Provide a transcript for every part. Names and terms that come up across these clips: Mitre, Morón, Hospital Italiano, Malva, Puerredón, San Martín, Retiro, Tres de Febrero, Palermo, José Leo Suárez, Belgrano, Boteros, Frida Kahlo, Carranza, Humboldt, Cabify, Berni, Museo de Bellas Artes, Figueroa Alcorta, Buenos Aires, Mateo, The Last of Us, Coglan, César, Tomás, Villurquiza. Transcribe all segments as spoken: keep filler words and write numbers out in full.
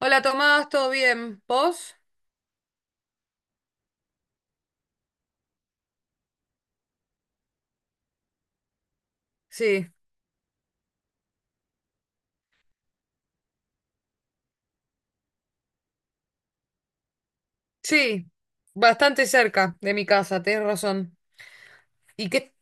Hola Tomás, ¿todo bien? ¿Vos? Sí, sí, bastante cerca de mi casa, tenés razón. ¿Y qué?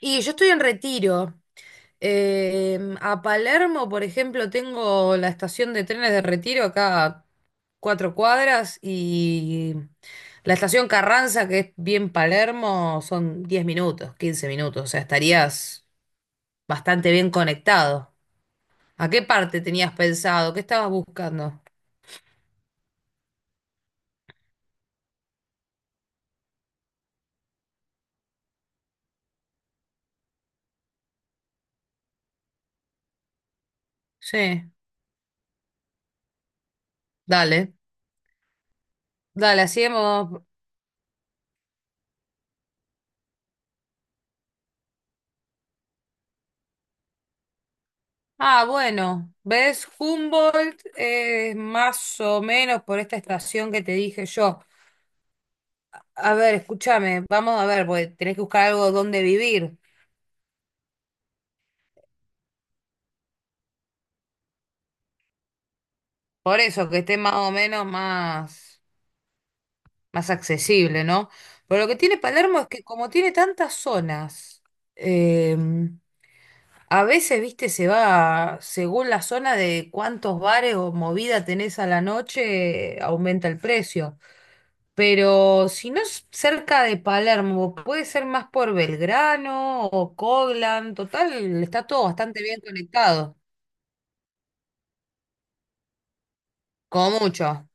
Y yo estoy en Retiro. Eh, a Palermo, por ejemplo, tengo la estación de trenes de Retiro acá a cuatro cuadras y la estación Carranza, que es bien Palermo, son diez minutos, quince minutos, o sea, estarías bastante bien conectado. ¿A qué parte tenías pensado? ¿Qué estabas buscando? Sí, dale. Dale, hacíamos. Ah, bueno, ¿ves? Humboldt es más o menos por esta estación que te dije yo. A ver, escúchame, vamos a ver, porque tenés que buscar algo donde vivir. Por eso, que esté más o menos más, más, accesible, ¿no? Pero lo que tiene Palermo es que como tiene tantas zonas, eh, a veces, viste, se va según la zona de cuántos bares o movida tenés a la noche, aumenta el precio. Pero si no es cerca de Palermo, puede ser más por Belgrano o Coglan. Total, está todo bastante bien conectado. Como mucho.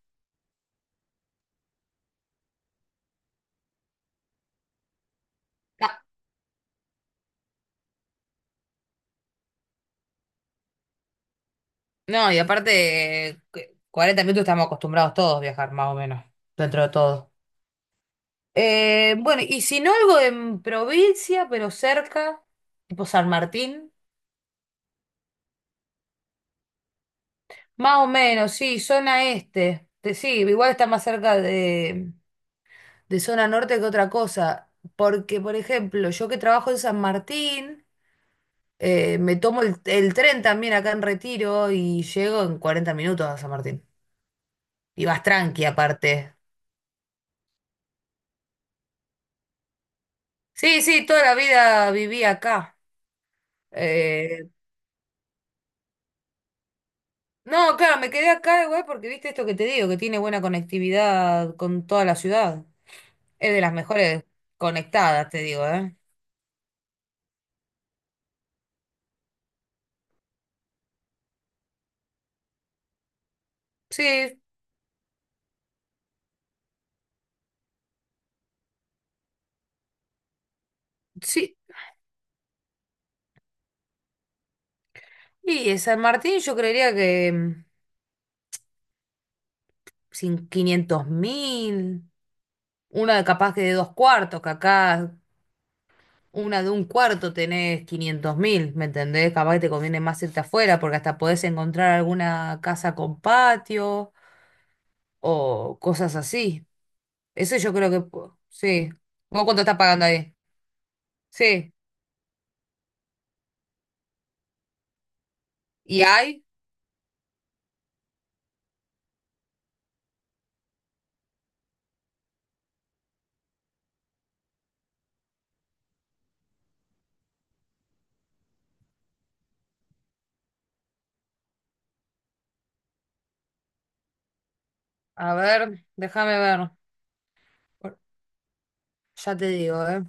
Ah, no, y aparte, cu- cuarenta minutos estamos acostumbrados todos a viajar, más o menos, dentro de todo. Eh, bueno, y si no algo en provincia, pero cerca, tipo San Martín, más o menos, sí, zona este. Te- Sí, igual está más cerca de. de zona norte que otra cosa. Porque, por ejemplo, yo que trabajo en San Martín, eh, me tomo el, el tren también acá en Retiro y llego en cuarenta minutos a San Martín. Y vas tranqui aparte. Sí, sí, toda la vida viví acá. Eh, no, claro, me quedé acá igual porque viste esto que te digo, que tiene buena conectividad con toda la ciudad. Es de las mejores conectadas, te digo, ¿eh? Sí, sí. Y San Martín yo creería que mm, sin quinientos mil. Una de capaz que de dos cuartos, que acá una de un cuarto tenés quinientos mil, ¿me entendés? Capaz que te conviene más irte afuera porque hasta podés encontrar alguna casa con patio o cosas así. Eso yo creo que po- sí. ¿Vos cuánto estás pagando ahí? Sí. ¿Y hay? A ver, déjame ver. Ya te digo, ¿eh?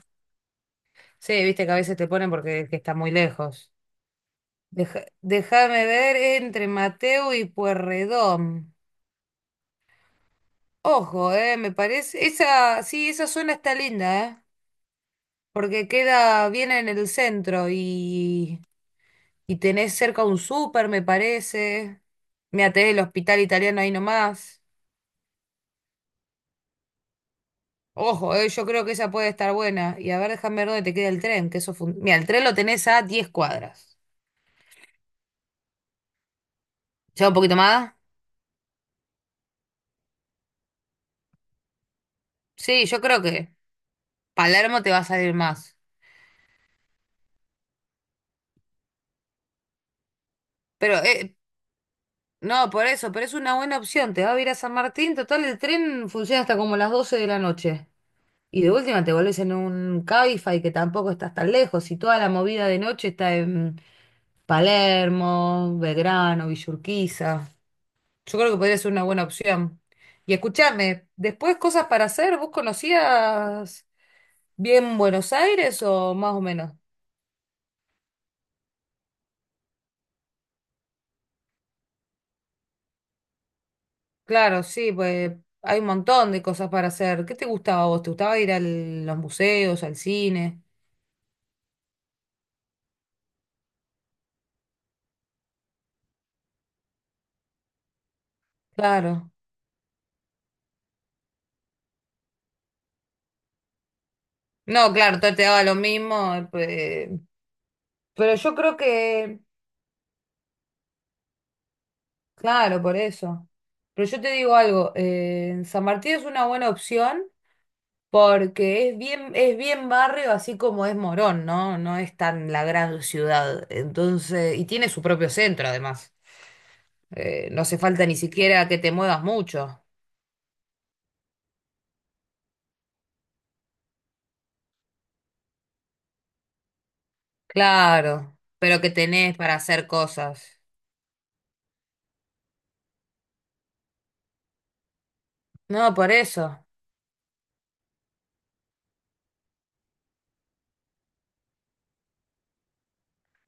Sí, viste que a veces te ponen porque es que está muy lejos. Deja- déjame ver entre Mateo y Puerredón. Ojo, eh, me parece. Esa, sí, esa zona está linda, eh. Porque queda bien en el centro y, y tenés cerca un súper, me parece. Me até el hospital italiano ahí nomás. Ojo, eh, yo creo que esa puede estar buena. Y a ver, déjame ver dónde te queda el tren, que eso fun- mira, el tren lo tenés a diez cuadras. ¿Ya un poquito más? Sí, yo creo que Palermo te va a salir más. Pero, eh, no, por eso, pero es una buena opción. Te va a ir a San Martín. Total, el tren funciona hasta como las doce de la noche. Y de última te vuelves en un Cabify que tampoco estás tan lejos. Y toda la movida de noche está en Palermo, Belgrano, Villurquiza. Yo creo que podría ser una buena opción. Y escúchame, después cosas para hacer, ¿vos conocías bien Buenos Aires o más o menos? Claro, sí, pues hay un montón de cosas para hacer. ¿Qué te gustaba a vos? ¿Te gustaba ir a los museos, al cine? Claro. No, claro, todo te daba lo mismo. eh, Pero yo creo que. Claro, por eso. Pero yo te digo algo, eh, San Martín es una buena opción porque es bien, es bien barrio, así como es Morón, ¿no? No es tan la gran ciudad. Entonces, y tiene su propio centro, además. Eh, no hace falta ni siquiera que te muevas mucho. Claro, pero que tenés para hacer cosas. No, por eso.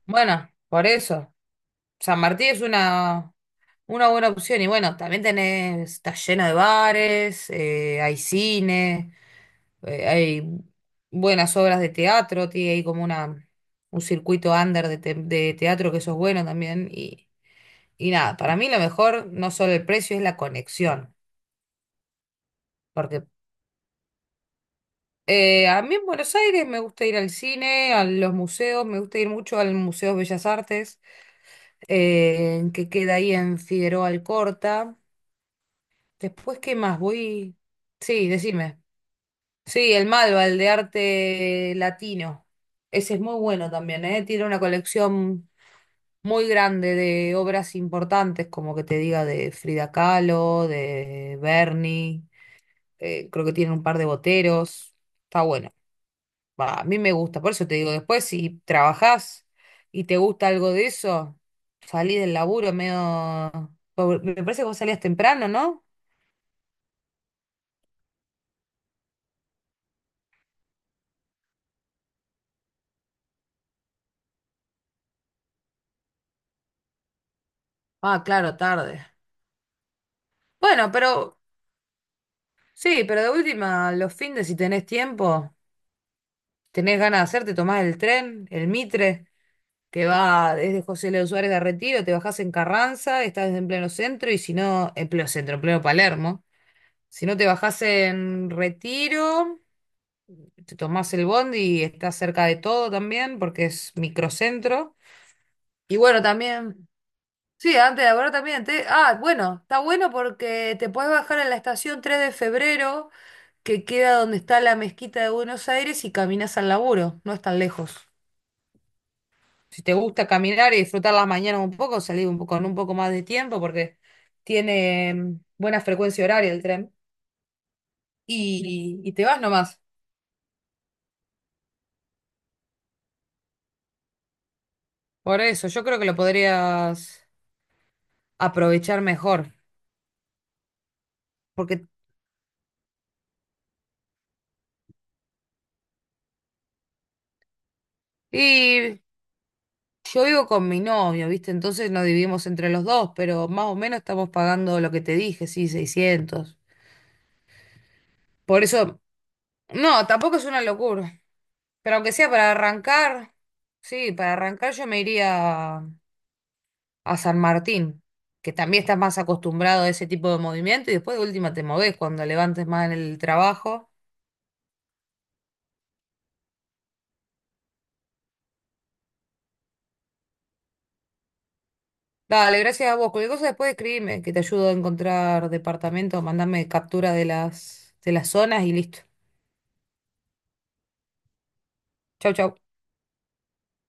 Bueno, por eso. San Martín es una, una buena opción. Y bueno, también tenés, está lleno de bares, eh, hay cine. eh, hay buenas obras de teatro, tiene ahí como una, un circuito under de, te- de teatro que eso es bueno también. Y, y nada, para mí lo mejor no solo el precio, es la conexión. Porque eh, a mí en Buenos Aires me gusta ir al cine, a los museos, me gusta ir mucho al Museo de Bellas Artes, eh, que queda ahí en Figueroa Alcorta. Después, ¿qué más? Voy... Sí, decime. Sí, el Malva, el de arte latino. Ese es muy bueno también, ¿eh? Tiene una colección muy grande de obras importantes, como que te diga de Frida Kahlo, de Berni, eh, creo que tiene un par de boteros, está bueno. Va, a mí me gusta, por eso te digo, después si trabajás y te gusta algo de eso, salí del laburo medio, me parece que vos salías temprano, ¿no? Ah, claro, tarde. Bueno, pero sí, pero de última, los fines si tenés tiempo, tenés ganas de hacer, te tomás el tren, el Mitre, que va desde José Leo Suárez a Retiro, te bajás en Carranza, estás en pleno centro, y si no, en pleno centro, en pleno Palermo. Si no te bajás en Retiro, te tomás el bondi y estás cerca de todo también, porque es microcentro. Y bueno, también, sí, antes de ahora también, te- ah, bueno, está bueno porque te puedes bajar en la estación tres de febrero, que queda donde está la mezquita de Buenos Aires, y caminas al laburo, no es tan lejos. Si te gusta caminar y disfrutar las mañanas un poco, salí un poco, con un poco más de tiempo porque tiene mm, buena frecuencia horaria el tren. Y, y te vas nomás. Por eso, yo creo que lo podrías aprovechar mejor. Porque, y yo vivo con mi novio, ¿viste? Entonces nos dividimos entre los dos, pero más o menos estamos pagando lo que te dije, sí, seiscientos. Por eso, no, tampoco es una locura. Pero aunque sea para arrancar, sí, para arrancar yo me iría a San Martín, que también estás más acostumbrado a ese tipo de movimiento y después de última te movés cuando levantes más en el trabajo. Dale, gracias a vos. Cualquier cosa después escribime, que te ayudo a encontrar departamento, mandame captura de las, de las zonas y listo. Chau, chau.